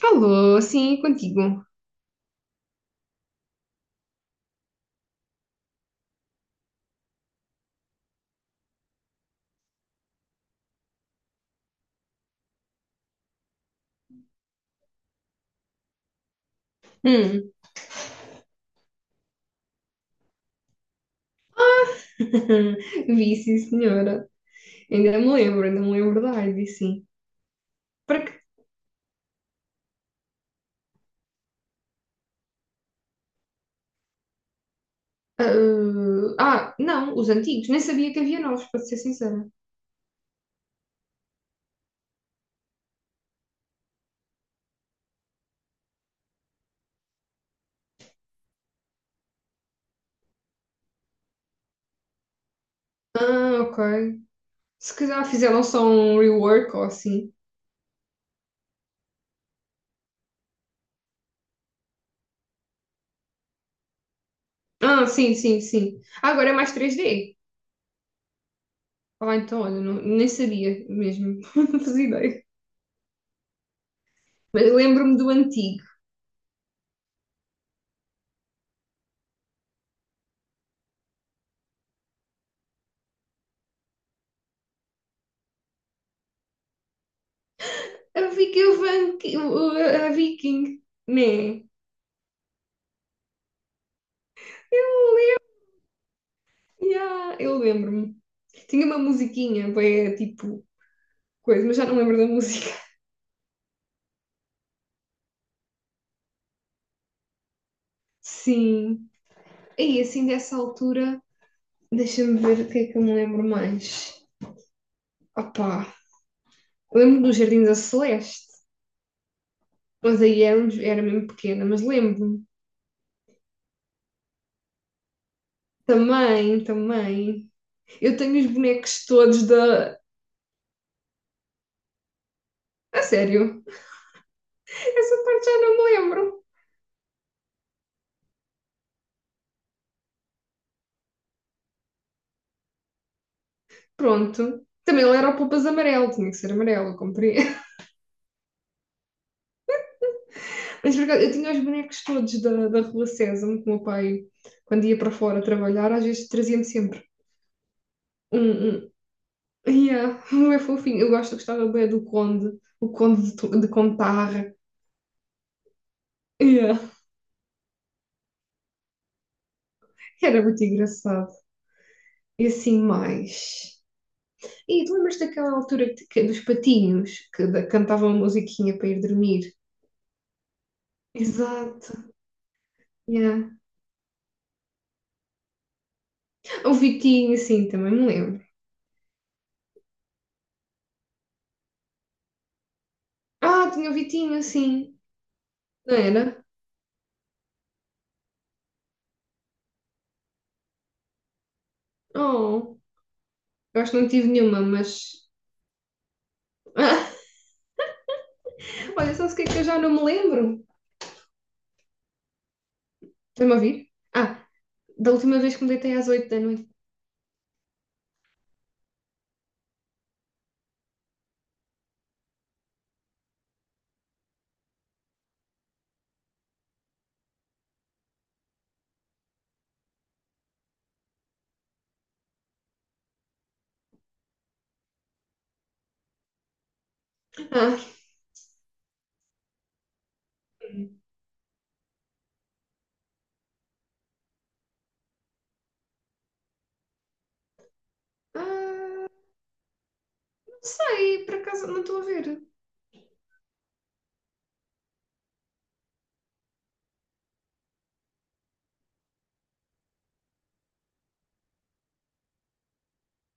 Falou, sim, é contigo. Hum. Vi, sim, senhora. Ainda me lembro da Ivy, sim. Para que- ah, ah, Não, os antigos. Nem sabia que havia novos, para ser sincera. Ah, ok. Se calhar fizeram só um rework ou assim. Ah, sim, sim, sim. Ah, agora é mais 3D. Ah, então, olha, nem sabia mesmo. Não fazia ideia. Mas lembro-me do antigo. A Vicky, o- a Viking, né? Yeah, eu lembro-me. Tinha uma musiquinha, bem, tipo, coisa, mas já não lembro da música. Sim. E assim, dessa altura, deixa-me ver o que é que eu me lembro mais. Opá, lembro do Jardim da Celeste, mas aí era mesmo pequena, mas lembro-me. Também, também. Eu tenho os bonecos todos da. A sério, essa parte já não me lembro. Pronto. Também ele era o Poupas Amarelo, tinha que ser amarelo, eu comprei. Mas por acaso, eu tinha os bonecos todos da Rua Sésamo, que o meu pai, quando ia para fora trabalhar, às vezes trazia-me sempre um. Yeah, um é fofinho. Eu gosto, eu gostava bem do Conde, o Conde de Contarra. Yeah. Era muito engraçado. E assim mais. E tu lembras daquela altura dos patinhos cantavam a musiquinha para ir dormir? Exato. Yeah. O Vitinho, sim, também me lembro. Ah, tinha o Vitinho, sim. Não era? Oh, eu acho que não tive nenhuma, mas ah, olha, sabes o que é que eu já não me lembro? Estás-me a ouvir? Ah, da última vez que me deitei às 8 da noite. Ah, ah, não sei, por acaso não estou a ver.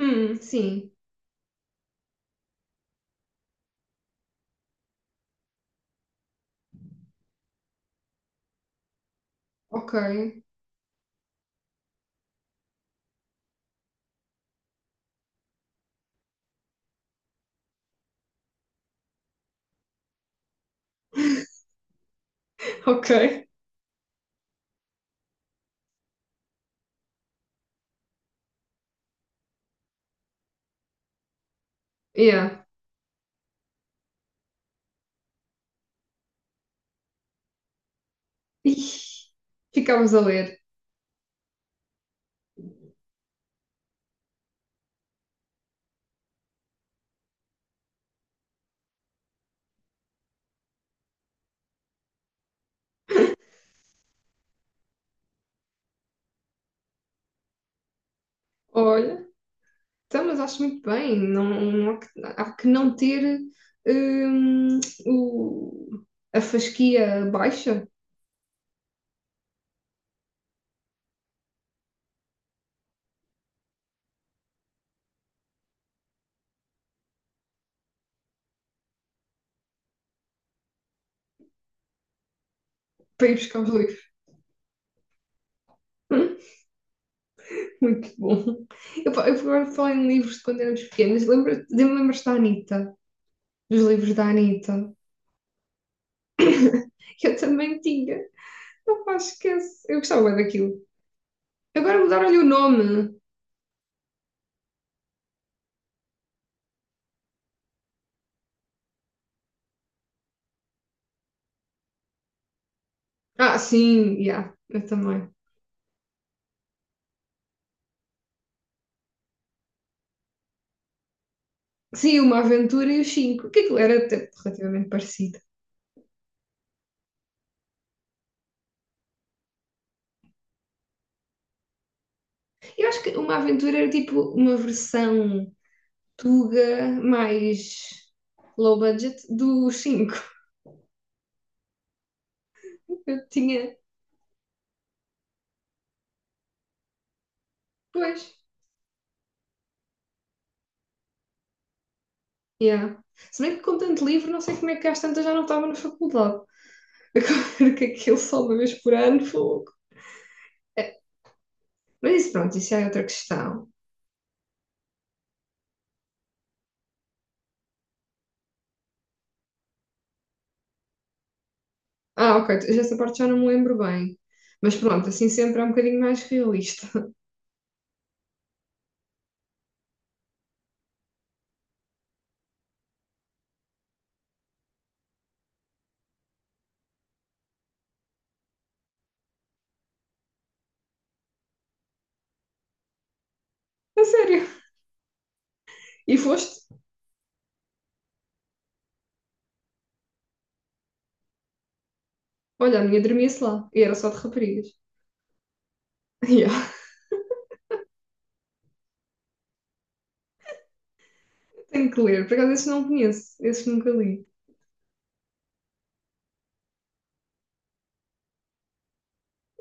Sim. Ok. Ok. Yeah. Ih, ficámos a ler. Olha, então, mas acho muito bem. Não, não há, há que não ter hum, o, a fasquia baixa para ir buscar os livros. Hum, muito bom. Eu agora falei em livros de quando éramos pequenas. Lembras-te da Anitta? Dos livros da Anitta. Eu também tinha. Não pá, esquece. Eu gostava bué daquilo. Agora mudaram-lhe o nome. Ah, sim, já. Yeah, eu também. Sim, Uma Aventura e os Cinco. Que aquilo era até relativamente parecido. Eu acho que Uma Aventura era tipo uma versão Tuga mais low budget dos Cinco. Eu tinha, pois, yeah. Se bem que com tanto livro, não sei como é que às tantas já não estava na faculdade. Agora que aquilo só uma vez por ano, fogo. Mas isso, pronto, isso é outra questão. Ah, ok, já essa parte já não me lembro bem. Mas pronto, assim sempre é um bocadinho mais realista. A sério. E foste? Olha, a minha dormia-se lá. E era só de raparigas. Yeah. Tenho que ler. Por acaso, esses não conheço. Esses nunca li.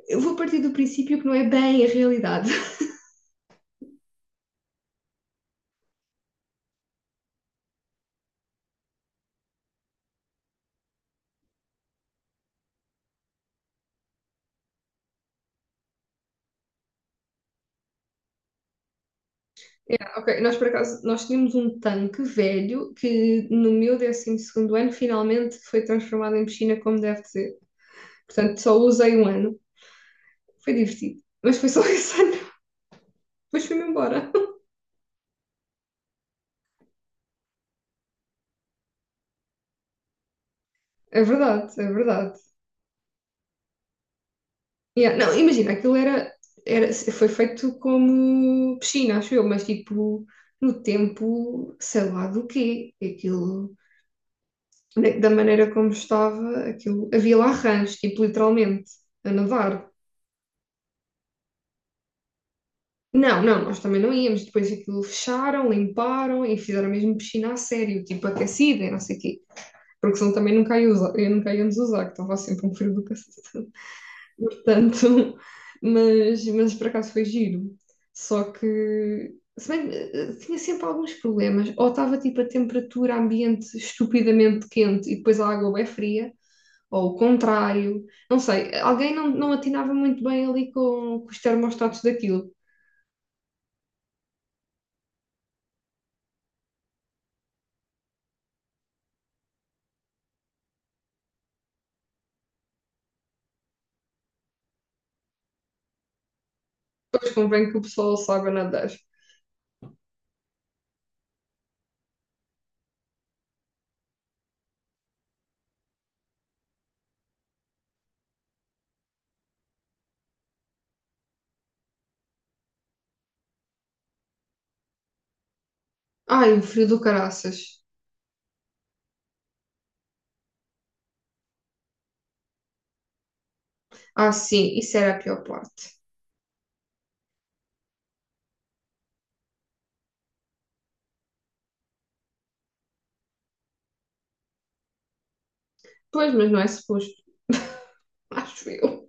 Eu vou partir do princípio que não é bem a realidade. Yeah, ok, nós por acaso, nós tínhamos um tanque velho que no meu décimo segundo ano finalmente foi transformado em piscina como deve ser. Portanto, só usei um ano. Foi divertido. Mas foi só esse ano. Depois fui-me embora. É verdade, é verdade. Yeah, não, imagina, aquilo era, foi feito como piscina, acho eu, mas tipo no tempo, sei lá do quê. Aquilo, da maneira como estava, aquilo, havia lá rãs, tipo literalmente, a nadar. Não, não, nós também não íamos. Depois aquilo fecharam, limparam e fizeram mesmo piscina a sério, tipo aquecida e não sei o quê. Porque senão também nunca, ia usar, eu nunca íamos usar, que estava sempre um frio do cacete. Portanto, mas por acaso foi giro. Só que, se bem, que, tinha sempre alguns problemas. Ou estava tipo a temperatura ambiente estupidamente quente e depois a água é fria, ou o contrário. Não sei, alguém não atinava muito bem ali com os termostatos daquilo. Depois convém que o pessoal saiba nadar. Ai, o frio do caraças. Ah, sim, isso era a pior parte. Pois, mas não é suposto. Acho eu.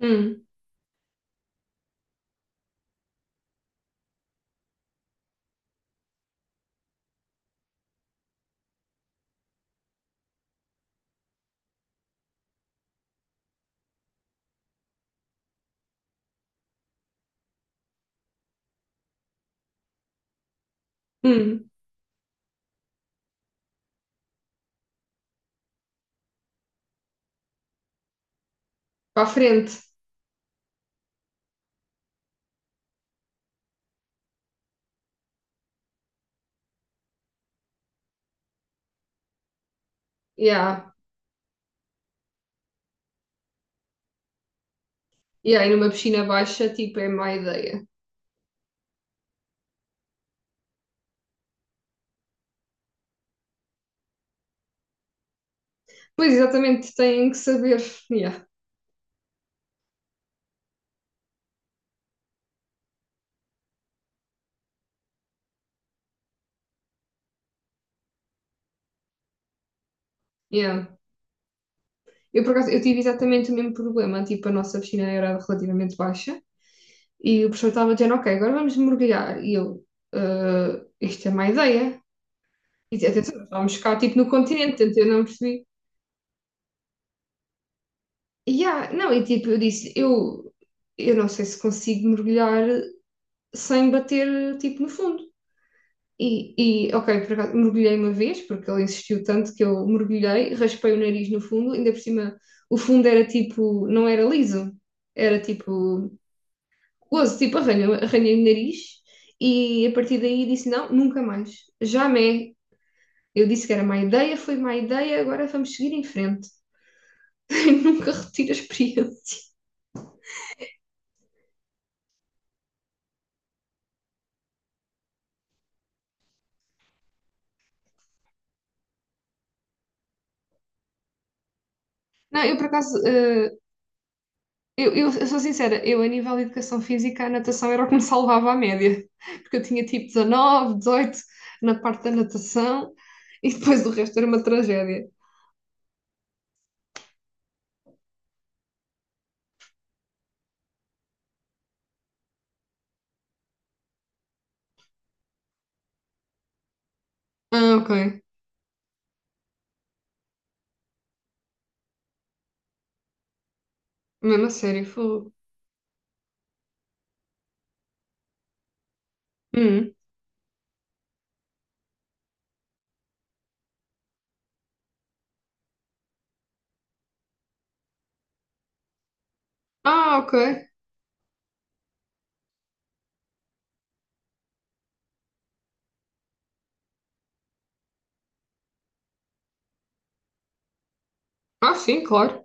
Hum, hum. Para a frente. Yeah. Yeah, e numa piscina baixa, tipo, é má ideia. Pois, exatamente, têm que saber. Yeah, yeah. Eu, por acaso, eu tive exatamente o mesmo problema. Tipo, a nossa piscina era relativamente baixa. E o professor estava dizendo, ok, agora vamos mergulhar. E eu, "Ah, isto é má ideia." E atenção, nós estávamos cá, tipo, no continente, então eu não percebi. Yeah, não, e tipo, eu disse, eu não sei se consigo mergulhar sem bater, tipo, no fundo. E, e ok, por acaso, mergulhei uma vez, porque ele insistiu tanto que eu mergulhei, raspei o nariz no fundo, ainda por cima, o fundo era tipo, não era liso, era tipo, gozo, tipo, arranhei o nariz, e a partir daí disse, não, nunca mais, jamais. Eu disse que era má ideia, foi má ideia, agora vamos seguir em frente. Nunca retiro a experiência. Não, eu por acaso, Eu sou sincera, eu a nível de educação física, a natação era o que me salvava a média, porque eu tinha tipo 19 18 na parte da natação e depois do resto era uma tragédia. Ah, ok. Mesmo a sério, fogo. Hum. Ah, ok. Ah, sim, claro.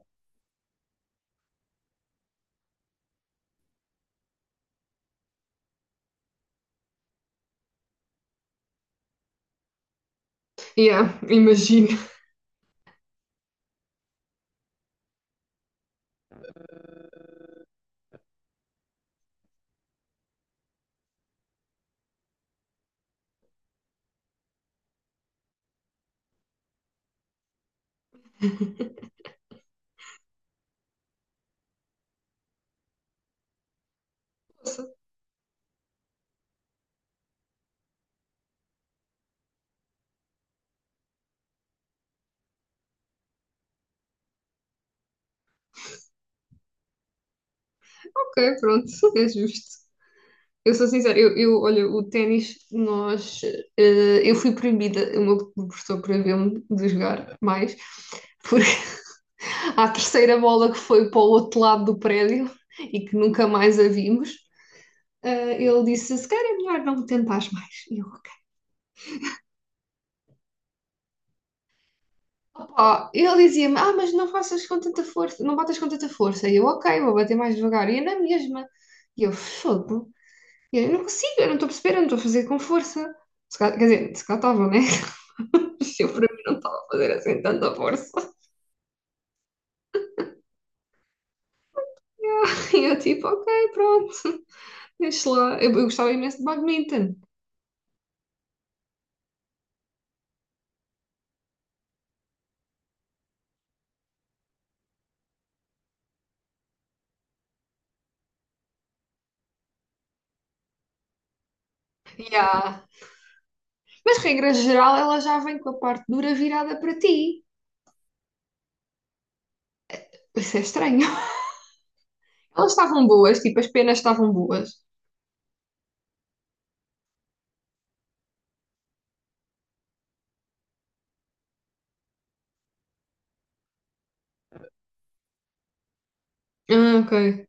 Yeah, imagino. Nossa, ok, pronto, é justo. Eu sou sincera, eu olha, o ténis, nós, eu fui proibida, o meu professor proibiu-me de jogar mais, porque à terceira bola que foi para o outro lado do prédio e que nunca mais a vimos, ele disse: Se calhar é melhor não tentares mais. E eu, ok. Opa, ele dizia-me: Ah, mas não faças com tanta força, não batas com tanta força. E eu, ok, vou bater mais devagar. E é na mesma. E eu, fogo. E eu não consigo, eu não estou a perceber, eu não estou a fazer com força. Quer dizer, se calhar estava, né? Eu para mim não estava a fazer assim tanta força. E eu, tipo, ok, pronto, deixa lá. Eu gostava imenso de badminton. E yeah. Mas, regra geral, ela já vem com a parte dura virada para ti. Isso é estranho. Elas estavam boas, tipo, as penas estavam boas. Ah, ok.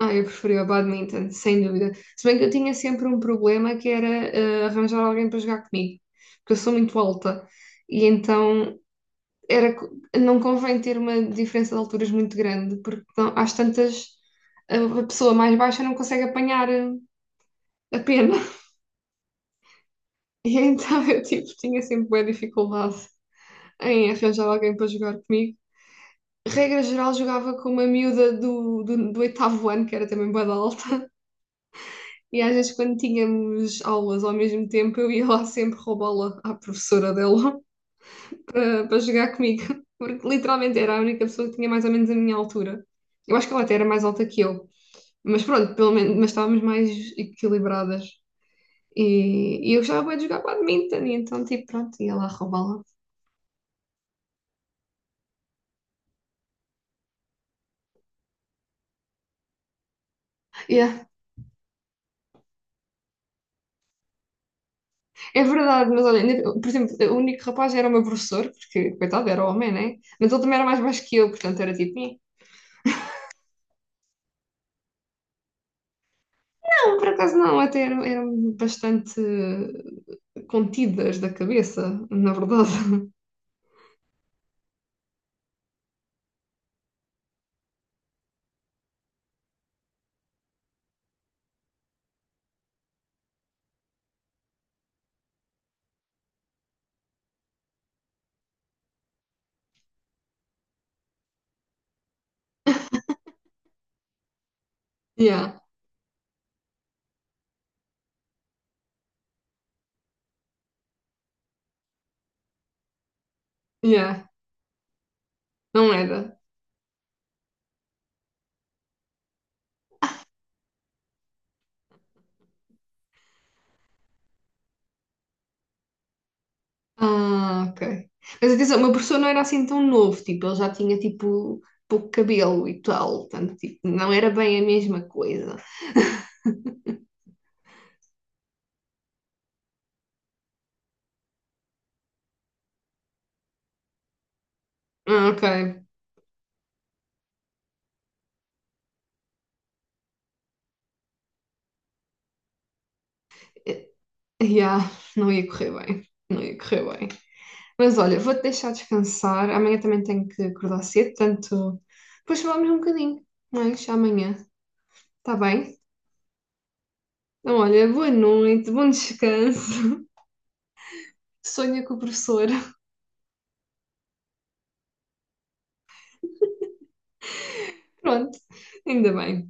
Ah, eu preferia o badminton, sem dúvida. Se bem que eu tinha sempre um problema que era arranjar alguém para jogar comigo, porque eu sou muito alta. E então era, co- não convém ter uma diferença de alturas muito grande, porque não, às tantas a pessoa mais baixa não consegue apanhar a pena. E então eu tipo, tinha sempre boa dificuldade. Em arranjar alguém para jogar comigo. Regra geral, jogava com uma miúda do oitavo ano, que era também bué da alta. E às vezes, quando tínhamos aulas ao mesmo tempo, eu ia lá sempre roubá-la à professora dela para jogar comigo. Porque literalmente era a única pessoa que tinha mais ou menos a minha altura. Eu acho que ela até era mais alta que eu. Mas pronto, pelo menos, mas estávamos mais equilibradas. E, e eu gostava bué de jogar badminton, e então, tipo, pronto, ia lá roubá-la. Yeah. É verdade, mas olha, por exemplo, o único rapaz era o meu professor, porque, coitado, era homem, né? Mas ele também era mais baixo que eu, portanto era tipo, "Eh, não, por acaso não, até eram bastante contidas da cabeça, na verdade." Yeah, yeah, não era. Ah, ok. Mas atenção, o meu professor não era assim tão novo, tipo, ele já tinha tipo pouco cabelo e tal, portanto, tipo, não era bem a mesma coisa. Ah, ok. Eh, Yeah, não ia correr bem, não ia correr bem. Mas olha, vou-te deixar descansar. Amanhã também tenho que acordar cedo, portanto, depois falamos um bocadinho, mas amanhã, está bem? Então, olha, boa noite, bom descanso. Sonha com o professor. Pronto, ainda bem.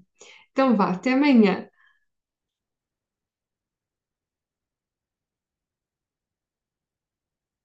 Então vá, até amanhã.